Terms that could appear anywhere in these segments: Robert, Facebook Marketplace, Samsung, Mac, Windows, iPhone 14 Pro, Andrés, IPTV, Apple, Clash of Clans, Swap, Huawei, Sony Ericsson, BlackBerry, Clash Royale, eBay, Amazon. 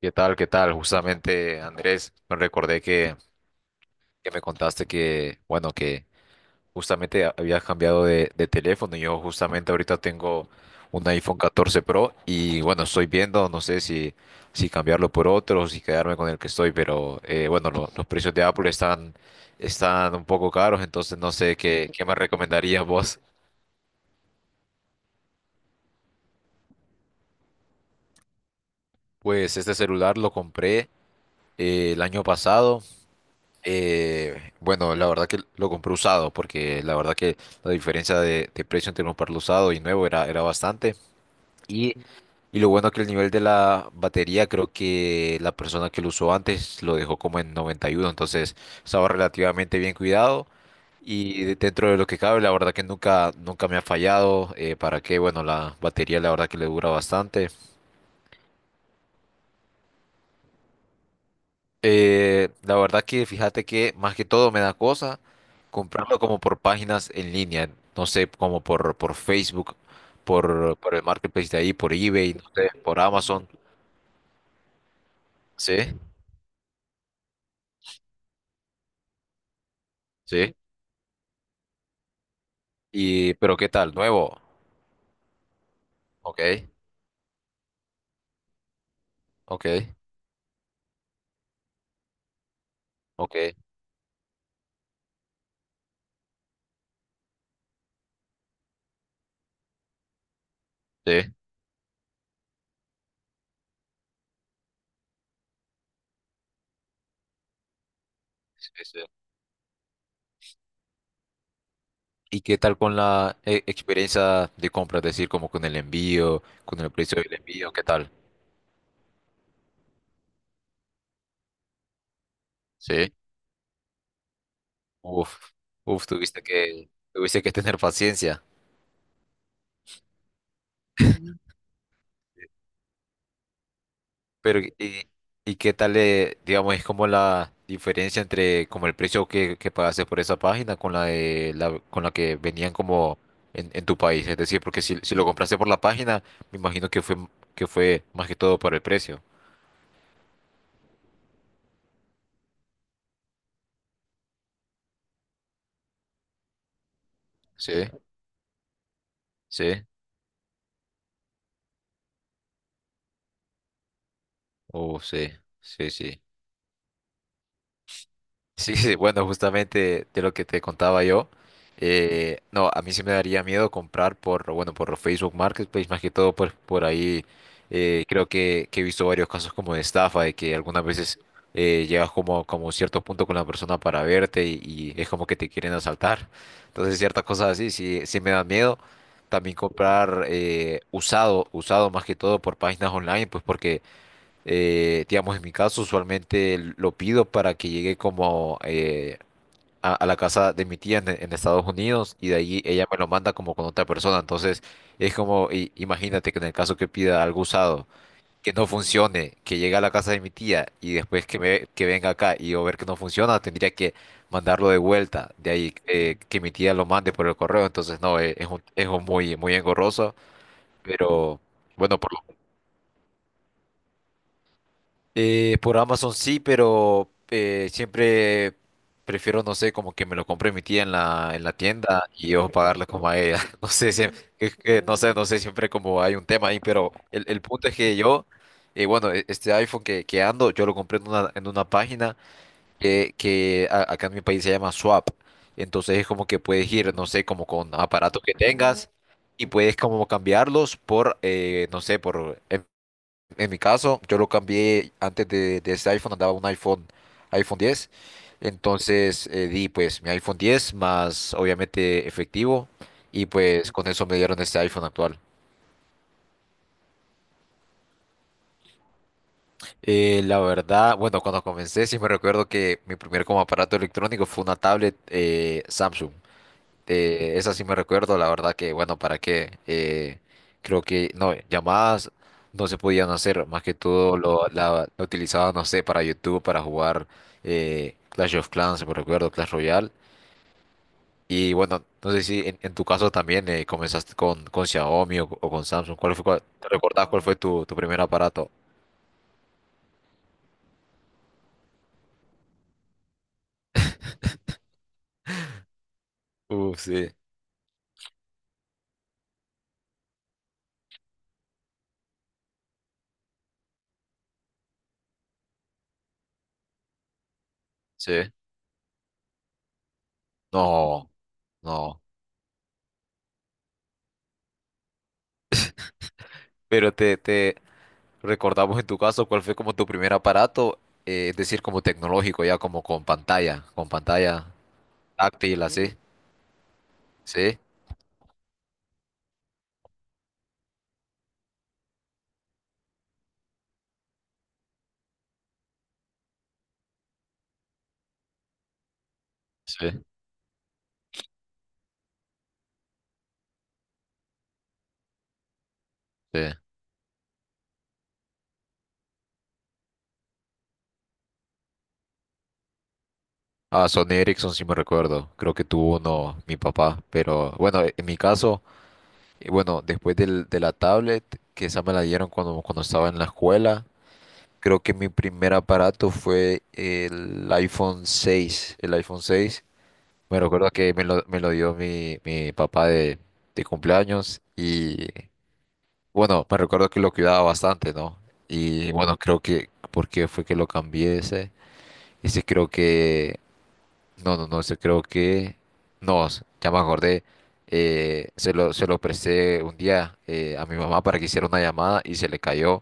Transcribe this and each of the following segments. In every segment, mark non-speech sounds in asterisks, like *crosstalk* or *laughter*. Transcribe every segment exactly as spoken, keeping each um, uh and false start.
¿Qué tal? ¿Qué tal? Justamente, Andrés, me recordé que, que me contaste que, bueno, que justamente ha- habías cambiado de, de teléfono. Yo justamente ahorita tengo un iPhone catorce Pro y, bueno, estoy viendo, no sé si, si cambiarlo por otro o si quedarme con el que estoy, pero, eh, bueno, lo- los precios de Apple están, están un poco caros, entonces no sé qué, qué me recomendarías vos. Pues este celular lo compré eh, el año pasado. Eh, bueno, la verdad que lo compré usado porque la verdad que la diferencia de, de precio entre comprarlo usado y nuevo era, era bastante. Y, y lo bueno que el nivel de la batería, creo que la persona que lo usó antes lo dejó como en noventa y uno, entonces estaba relativamente bien cuidado. Y de- dentro de lo que cabe, la verdad que nunca, nunca me ha fallado. Eh, para qué, bueno, la batería la verdad que le dura bastante. Eh, la verdad que fíjate que más que todo me da cosa comprarlo como por páginas en línea, no sé, como por, por Facebook, por, por el marketplace de ahí, por eBay, no sé, por Amazon. Sí, sí. Y, pero ¿qué tal? Nuevo. Ok, ok, ok. Sí, sí, sí. ¿Y qué tal con la eh, experiencia de compra? Es decir, como con el envío, con el precio del envío, ¿qué tal? Sí. Uf, uf, tuviste que, tuviste que tener paciencia. *laughs* Pero, ¿y, y qué tal, eh, digamos, es como la diferencia entre como el precio que, que pagaste por esa página con la, de, la con la que venían como en, en tu país? Es decir, porque si, si lo compraste por la página, me imagino que fue, que fue más que todo por el precio. Sí, sí, oh, sí, sí, sí. Sí, sí, bueno, justamente de lo que te contaba yo, eh, no, a mí sí me daría miedo comprar por, bueno, por Facebook Marketplace, más que todo por, por ahí, eh, creo que, que he visto varios casos como de estafa, de que algunas veces eh, llegas como, como a cierto punto con la persona para verte y, y es como que te quieren asaltar, entonces ciertas cosas así sí, sí me da miedo, también comprar eh, usado, usado más que todo por páginas online, pues porque eh, digamos, en mi caso, usualmente lo pido para que llegue como eh, a, a la casa de mi tía en, en Estados Unidos y de ahí ella me lo manda como con otra persona. Entonces, es como, i- imagínate que en el caso que pida algo usado, que no funcione, que llegue a la casa de mi tía y después que, me, que venga acá y yo ver que no funciona, tendría que mandarlo de vuelta. De ahí eh, que mi tía lo mande por el correo. Entonces, no, eh, es, un- es un muy, muy engorroso, pero bueno, por Eh, por Amazon sí, pero eh, siempre prefiero, no sé, como que me lo compre mi tía en la, en la tienda y yo pagarle como a ella. *laughs* No sé, si, es que no sé, no sé, siempre como hay un tema ahí, pero el, el punto es que yo, eh, bueno, e- este iPhone que, que ando, yo lo compré en una, en una página que, que a- acá en mi país se llama Swap. Entonces es como que puedes ir, no sé, como con aparatos que tengas y puedes como cambiarlos por, eh, no sé, por... En mi caso, yo lo cambié antes de, de este iPhone, andaba un iPhone, iPhone diez. Entonces eh, di pues mi iPhone diez más obviamente efectivo y pues con eso me dieron este iPhone actual. Eh, la verdad, bueno, cuando comencé sí me recuerdo que mi primer como aparato electrónico fue una tablet eh, Samsung. Eh, esa sí me recuerdo, la verdad que, bueno, ¿para qué? Eh, creo que, no, llamadas no se podían hacer, más que todo lo, la, la utilizaba, no sé, para YouTube, para jugar eh, Clash of Clans, si me recuerdo, Clash Royale. Y bueno, no sé si en, en tu caso también eh, comenzaste con, con Xiaomi o, o con Samsung. ¿Cuál fue, cuál- te recordás cuál fue tu, tu primer aparato? Uh, sí. Sí. No, no. Pero te, te, recordamos en tu caso cuál fue como tu primer aparato, eh, es decir, como tecnológico, ya como con pantalla, con pantalla táctil, así. Sí, sí, sí. Ah, Sony Ericsson sí me recuerdo, creo que tuvo uno mi papá, pero bueno, en mi caso, eh, bueno, después del, de la tablet, que esa me la dieron cuando, cuando estaba en la escuela, creo que mi primer aparato fue el iPhone seis, el iPhone seis. Me recuerdo que me lo, me lo dio mi, mi papá de, de cumpleaños y... Bueno, me recuerdo que lo cuidaba bastante, ¿no? Y bueno, creo que, ¿por qué fue que lo cambié ese? Ese creo que, no, no, no, ese creo que, no, s- ya me acordé, eh, se lo, se lo presté un día eh, a mi mamá para que hiciera una llamada y se le cayó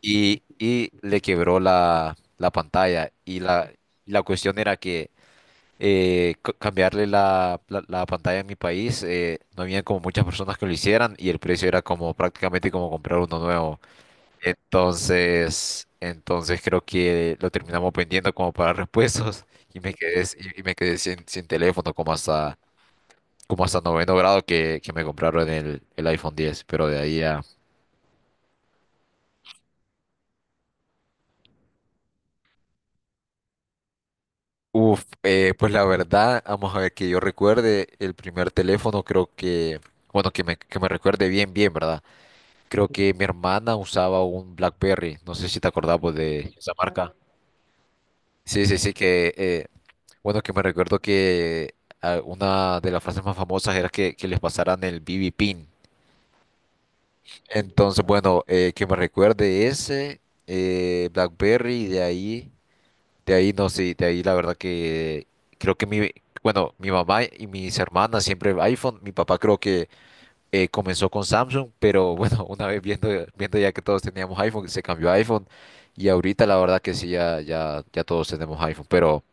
y, y le quebró la, la pantalla y la, y la cuestión era que eh, ca- cambiarle la, la, la pantalla en mi país, eh, no había como muchas personas que lo hicieran y el precio era como prácticamente como comprar uno nuevo. Entonces, entonces creo que lo terminamos vendiendo como para repuestos. *laughs* Y me quedé, s- y, y me quedé sin, sin teléfono como hasta, como hasta noveno grado que, que me compraron el, el iPhone diez, pero de ahí a... Uf, eh, pues la verdad, vamos a ver que yo recuerde el primer teléfono, creo que, bueno, que me, que me recuerde bien, bien, ¿verdad? Creo que mi hermana usaba un BlackBerry, no sé si te acordabas de esa marca. Sí, sí, sí, que eh, bueno, que me recuerdo que ah, una de las frases más famosas era que, que les pasaran el B B Pin. Entonces, bueno, eh, que me recuerde ese, eh, BlackBerry, de ahí, de ahí no sé, de ahí la verdad que creo que mi, bueno, mi mamá y mis hermanas siempre iPhone, mi papá creo que eh, comenzó con Samsung, pero bueno, *laughs* una vez viendo, viendo ya que todos teníamos iPhone, se cambió a iPhone y ahorita la verdad que sí, ya, ya, ya todos tenemos iPhone, pero...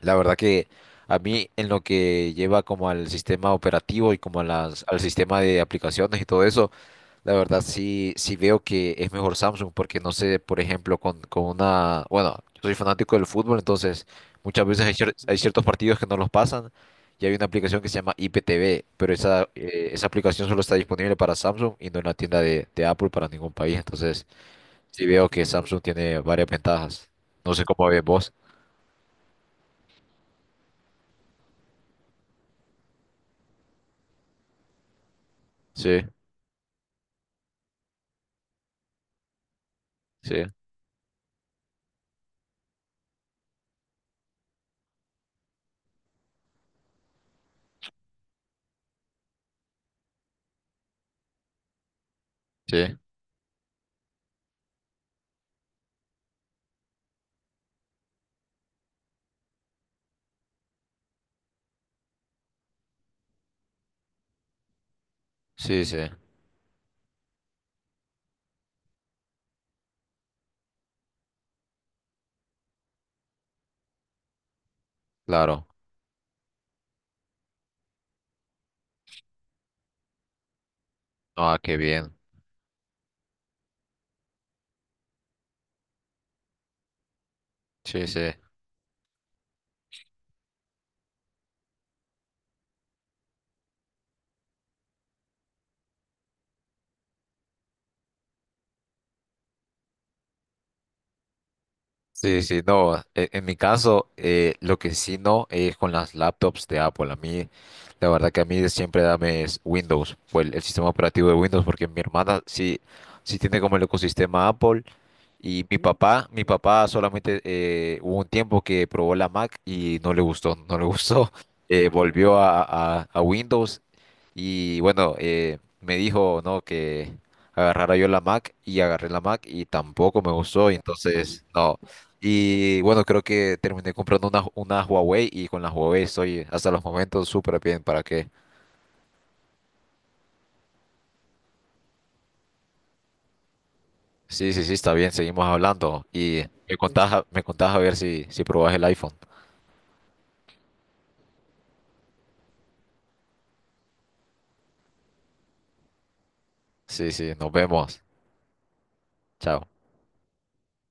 La verdad que a mí en lo que lleva como al sistema operativo y como a las, al sistema de aplicaciones y todo eso, la verdad sí, sí veo que es mejor Samsung porque no sé, por ejemplo, con, con una, bueno, yo soy fanático del fútbol, entonces muchas veces hay, cier- hay ciertos partidos que no los pasan y hay una aplicación que se llama I P T V, pero esa, eh, esa aplicación solo está disponible para Samsung y no en la tienda de, de Apple para ningún país, entonces sí veo que Samsung tiene varias ventajas. No sé cómo ves vos. Sí, sí, sí. Sí, sí, claro. Ah, qué bien. Sí, sí. Sí, sí, no. e- En mi caso, eh, lo que sí no es con las laptops de Apple. A mí, la verdad que a mí siempre dame es Windows, o el, el sistema operativo de Windows, porque mi hermana sí, sí tiene como el ecosistema Apple. Y mi papá, mi papá solamente eh, hubo un tiempo que probó la Mac y no le gustó, no le gustó. *laughs* Eh, volvió a, a- a Windows y bueno, eh, me dijo no que agarrara yo la Mac y agarré la Mac y tampoco me gustó, y entonces no. Y bueno, creo que terminé comprando una, una Huawei y con la Huawei estoy hasta los momentos súper bien. ¿Para qué? Sí, sí, sí, está bien, seguimos hablando y me contás, a- me contás a ver si, si probás el iPhone. Sí, sí, nos vemos. Chao.